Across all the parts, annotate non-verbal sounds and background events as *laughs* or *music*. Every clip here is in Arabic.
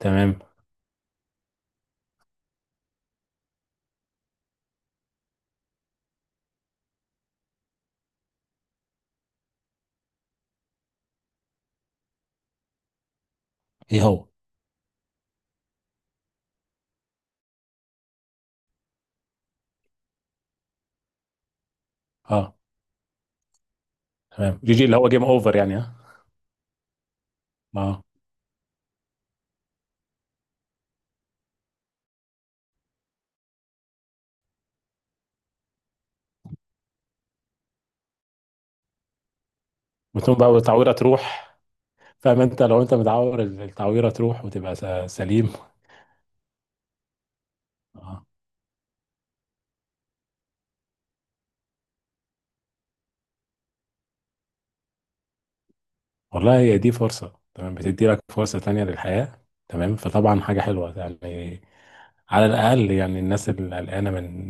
تمام. ايه هو؟ اه. تمام، جي جي اللي هو جيم اوفر، يعني، ها. اه، وتقوم بقى والتعويره تروح. فاهم انت؟ لو انت متعور التعويره تروح وتبقى سليم. اه، والله هي دي فرصه، تمام، بتدي لك فرصه تانية للحياه. تمام، فطبعا حاجه حلوه يعني. على الاقل يعني الناس اللي قلقانه من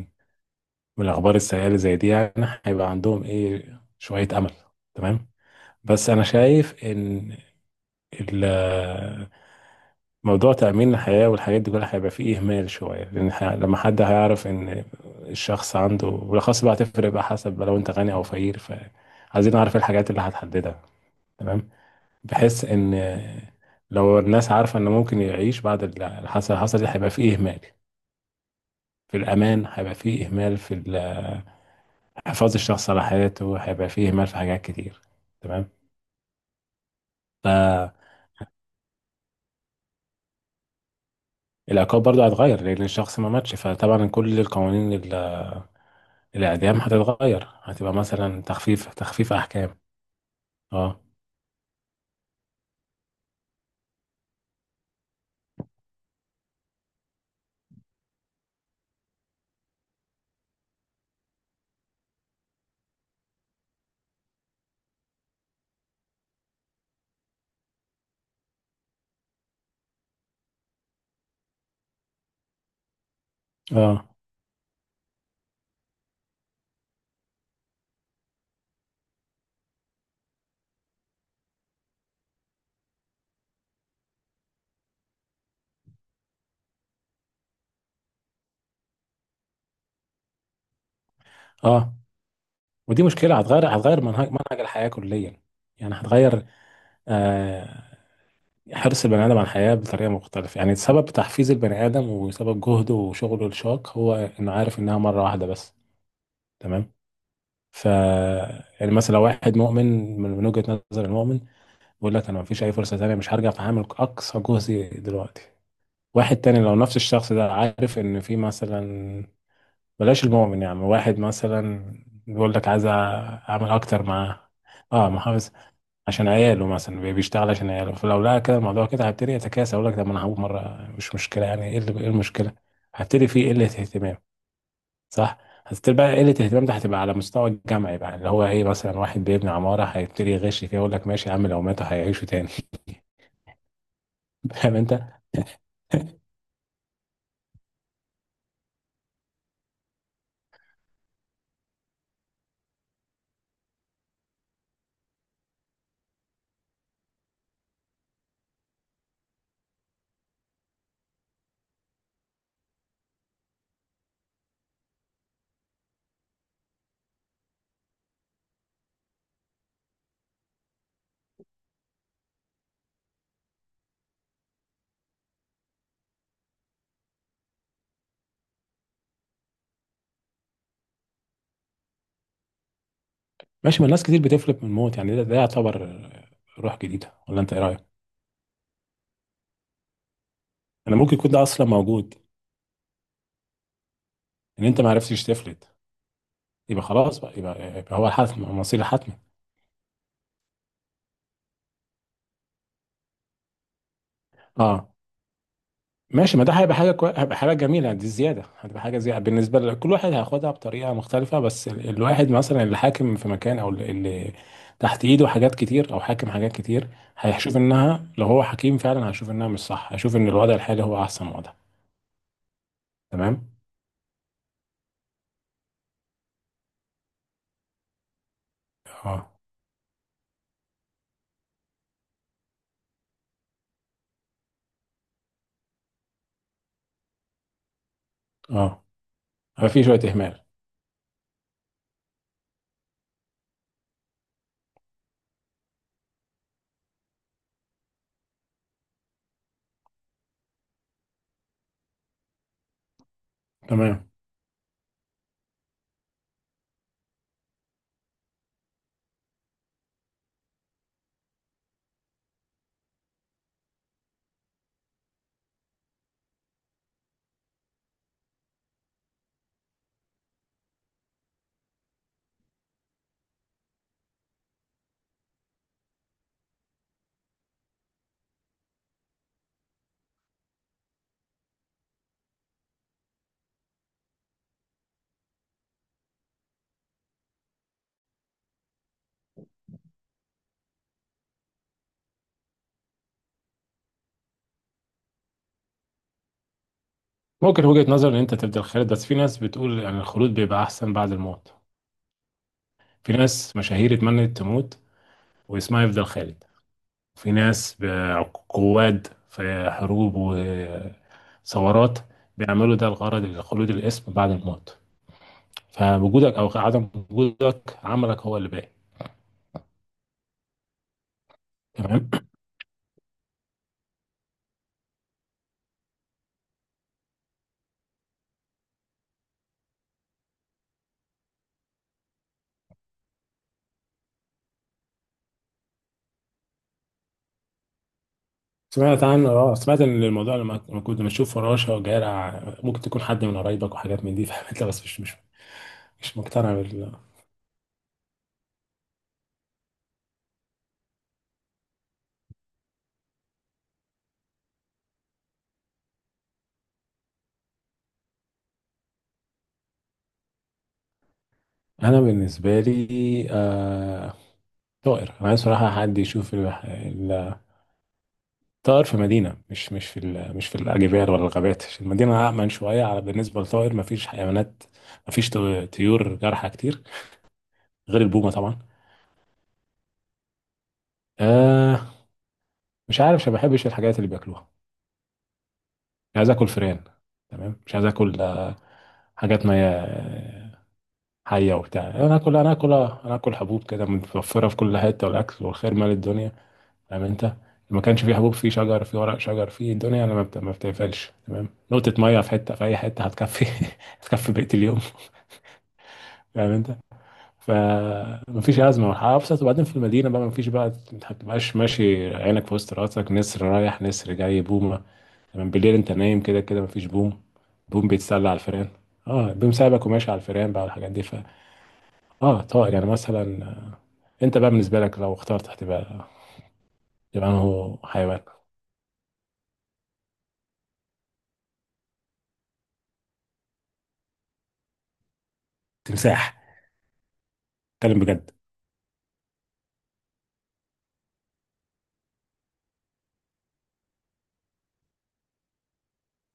الاخبار السيئه اللي زي دي، يعني هيبقى عندهم ايه شويه امل. تمام. بس انا شايف ان ال- موضوع تأمين الحياة والحاجات دي كلها هيبقى فيه إهمال شوية، لأن لما حد هيعرف إن الشخص عنده بالأخص بقى هتفرق بقى حسب بقى لو أنت غني أو فقير، فعايزين نعرف الحاجات اللي هتحددها. تمام، بحيث إن لو الناس عارفة إن ممكن يعيش بعد اللي حصل حصل دي، هيبقى فيه إهمال في الأمان، هيبقى فيه إهمال في حفاظ الشخص على حياته، هيبقى فيه إهمال في حاجات كتير. تمام. فالعقاب برضه هتغير، لأن الشخص ما ماتش، فطبعا كل القوانين الإعدام هتتغير، هتبقى مثلا تخفيف أحكام. اه اه اه ودي مشكلة هتغير منهج الحياة كليا، يعني هتغير، آه، حرص البني آدم على الحياة بطريقة مختلفة. يعني سبب تحفيز البني آدم وسبب جهده وشغله الشاق هو إنه عارف إنها مرة واحدة بس. تمام. ف، يعني مثلا لو واحد مؤمن، من وجهة نظر المؤمن، بيقول لك أنا مفيش أي فرصة تانية، مش هرجع، فهعمل أقصى جهدي دلوقتي. واحد تاني، لو نفس الشخص ده عارف ان في مثلا، بلاش المؤمن، يعني واحد مثلا بيقول لك عايز اعمل اكتر مع، اه، محافظ، عشان عياله، مثلا بيشتغل عشان عياله، فلو لقى كده الموضوع كده هيبتدي يتكاسل، اقول لك طب ما انا هقول مره مش مشكله، يعني ايه إيه المشكله؟ هبتدي فيه قله اهتمام. صح، هتبتدي بقى قله الاهتمام ده هتبقى على مستوى الجامعي بقى، اللي هو ايه، مثلا واحد بيبني عماره هيبتدي يغش فيها، يقول لك ماشي يا عم، لو ماتوا هيعيشوا تاني. *laughs* فاهم انت؟ ماشي، ما الناس كتير بتفلت من الموت يعني، ده يعتبر روح جديده، ولا انت ايه رايك؟ انا ممكن يكون ده اصلا موجود، ان انت ما عرفتش تفلت يبقى خلاص بقى يبقى هو الحتم، مصير الحتمي. اه. ماشي، ما ده هيبقى حاجه هيبقى حاجه جميله، دي زياده، هتبقى حاجه زياده بالنسبه لكل واحد هياخدها بطريقه مختلفه، بس الواحد مثلا اللي حاكم في مكان، او اللي تحت ايده حاجات كتير او حاكم حاجات كتير، هيشوف انها لو هو حكيم فعلا هيشوف انها مش صح، هيشوف ان الوضع الحالي هو احسن وضع. تمام. اه اه هيبقى في شويه اهمال. تمام. ممكن وجهه نظر ان انت تبدأ الخالد، بس في ناس بتقول ان الخلود بيبقى احسن بعد الموت. في ناس مشاهير اتمنت تموت واسمها يفضل خالد. في ناس قواد في حروب وثورات بيعملوا ده الغرض لخلود الاسم بعد الموت. فوجودك او عدم وجودك، عملك هو اللي باين. تمام. سمعت عن، اه، سمعت ان الموضوع لما كنت بشوف فراشه وجارع ممكن تكون حد من قرايبك وحاجات من دي، فهمت، بس مش مقتنع بال. انا بالنسبه لي، آه... طائر. انا عايز صراحه حد يشوف طائر في مدينة، مش في الأجبال ولا الغابات، عشان المدينة أأمن شوية على بالنسبة للطائر، مفيش حيوانات، مفيش طيور جارحة كتير، غير البومة طبعا. آه، مش عارف، عشان ما بحبش الحاجات اللي بياكلوها. مش عايز آكل فئران. تمام، مش عايز آكل، حاجات ما هي- حية وبتاع. أنا آكل حبوب كده متوفرة في كل حتة، والأكل والخير مال الدنيا. فاهم انت؟ ما كانش فيه حبوب فيه شجر، فيه ورق شجر، فيه الدنيا، انا ما بتقفلش. تمام، نقطة مية في حتة في أي حتة هتكفي. *laughs* هتكفي بقية اليوم. فاهم انت؟ فمفيش أزمة، والحياة أبسط. وبعدين في المدينة بقى مفيش بقى، انت مبتبقاش ماشي عينك في وسط راسك، نسر رايح نسر جاي بومة. تمام، بالليل انت نايم كده كده مفيش بوم. بوم بيتسلى على الفيران. اه، بوم سايبك وماشي على الفيران بقى، والحاجات دي. ف، اه، طائر يعني مثلا. انت بقى بالنسبة لك لو اخترت، هتبقى تبقى انه حيوان. تمساح؟ اتكلم بجد.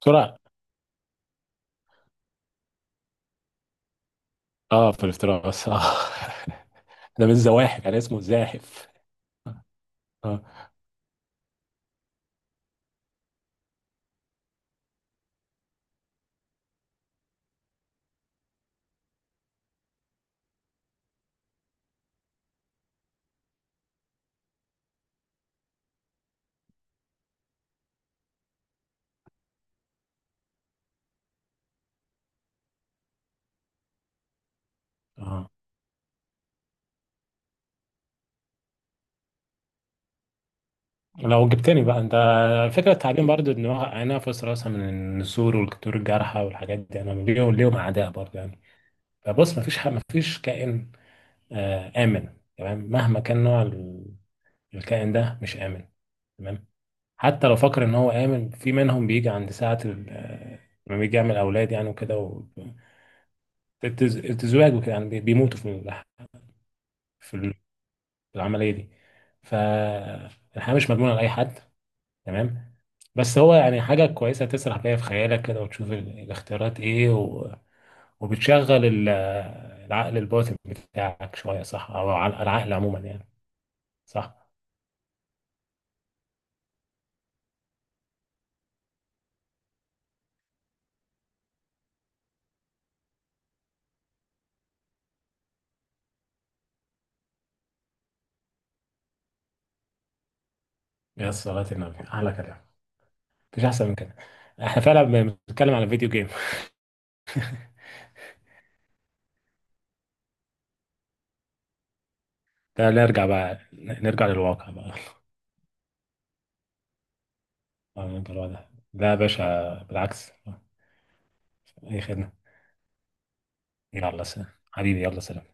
بسرعة. اه، في الافتراس، اه. *laughs* ده من الزواحف، يعني اسمه زاحف. اه. اه، لو جبتني بقى انت، فكرة التعليم برضو، ان هو انا في راسها من النسور والكتور الجارحة والحاجات دي، انا ليهم اعداء برضو يعني. فبص، مفيش مفيش كائن، آه، امن. تمام، مهما كان نوع الكائن ده مش امن. تمام. حتى لو فكر ان هو امن في منهم، بيجي عند ساعة لما بيجي يعمل اولاد يعني وكده، و التزواج وكده يعني بيموتوا في في العمليه دي. فالحياه مش مضمونه لاي حد. تمام. بس هو يعني حاجه كويسه تسرح بيها في خيالك كده، وتشوف الاختيارات ايه، و... وبتشغل العقل الباطن بتاعك شويه، صح، او العقل عموما يعني. صح. يا صلاة النبي، احلى كلام. مفيش احسن من كده. احنا فعلا بنتكلم على فيديو جيم. *laughs* ده نرجع للواقع بقى. *laughs* آه، نرجع للواقع. ده يا باشا بالعكس. اي خدمه. يلا سلام حبيبي، يلا سلام.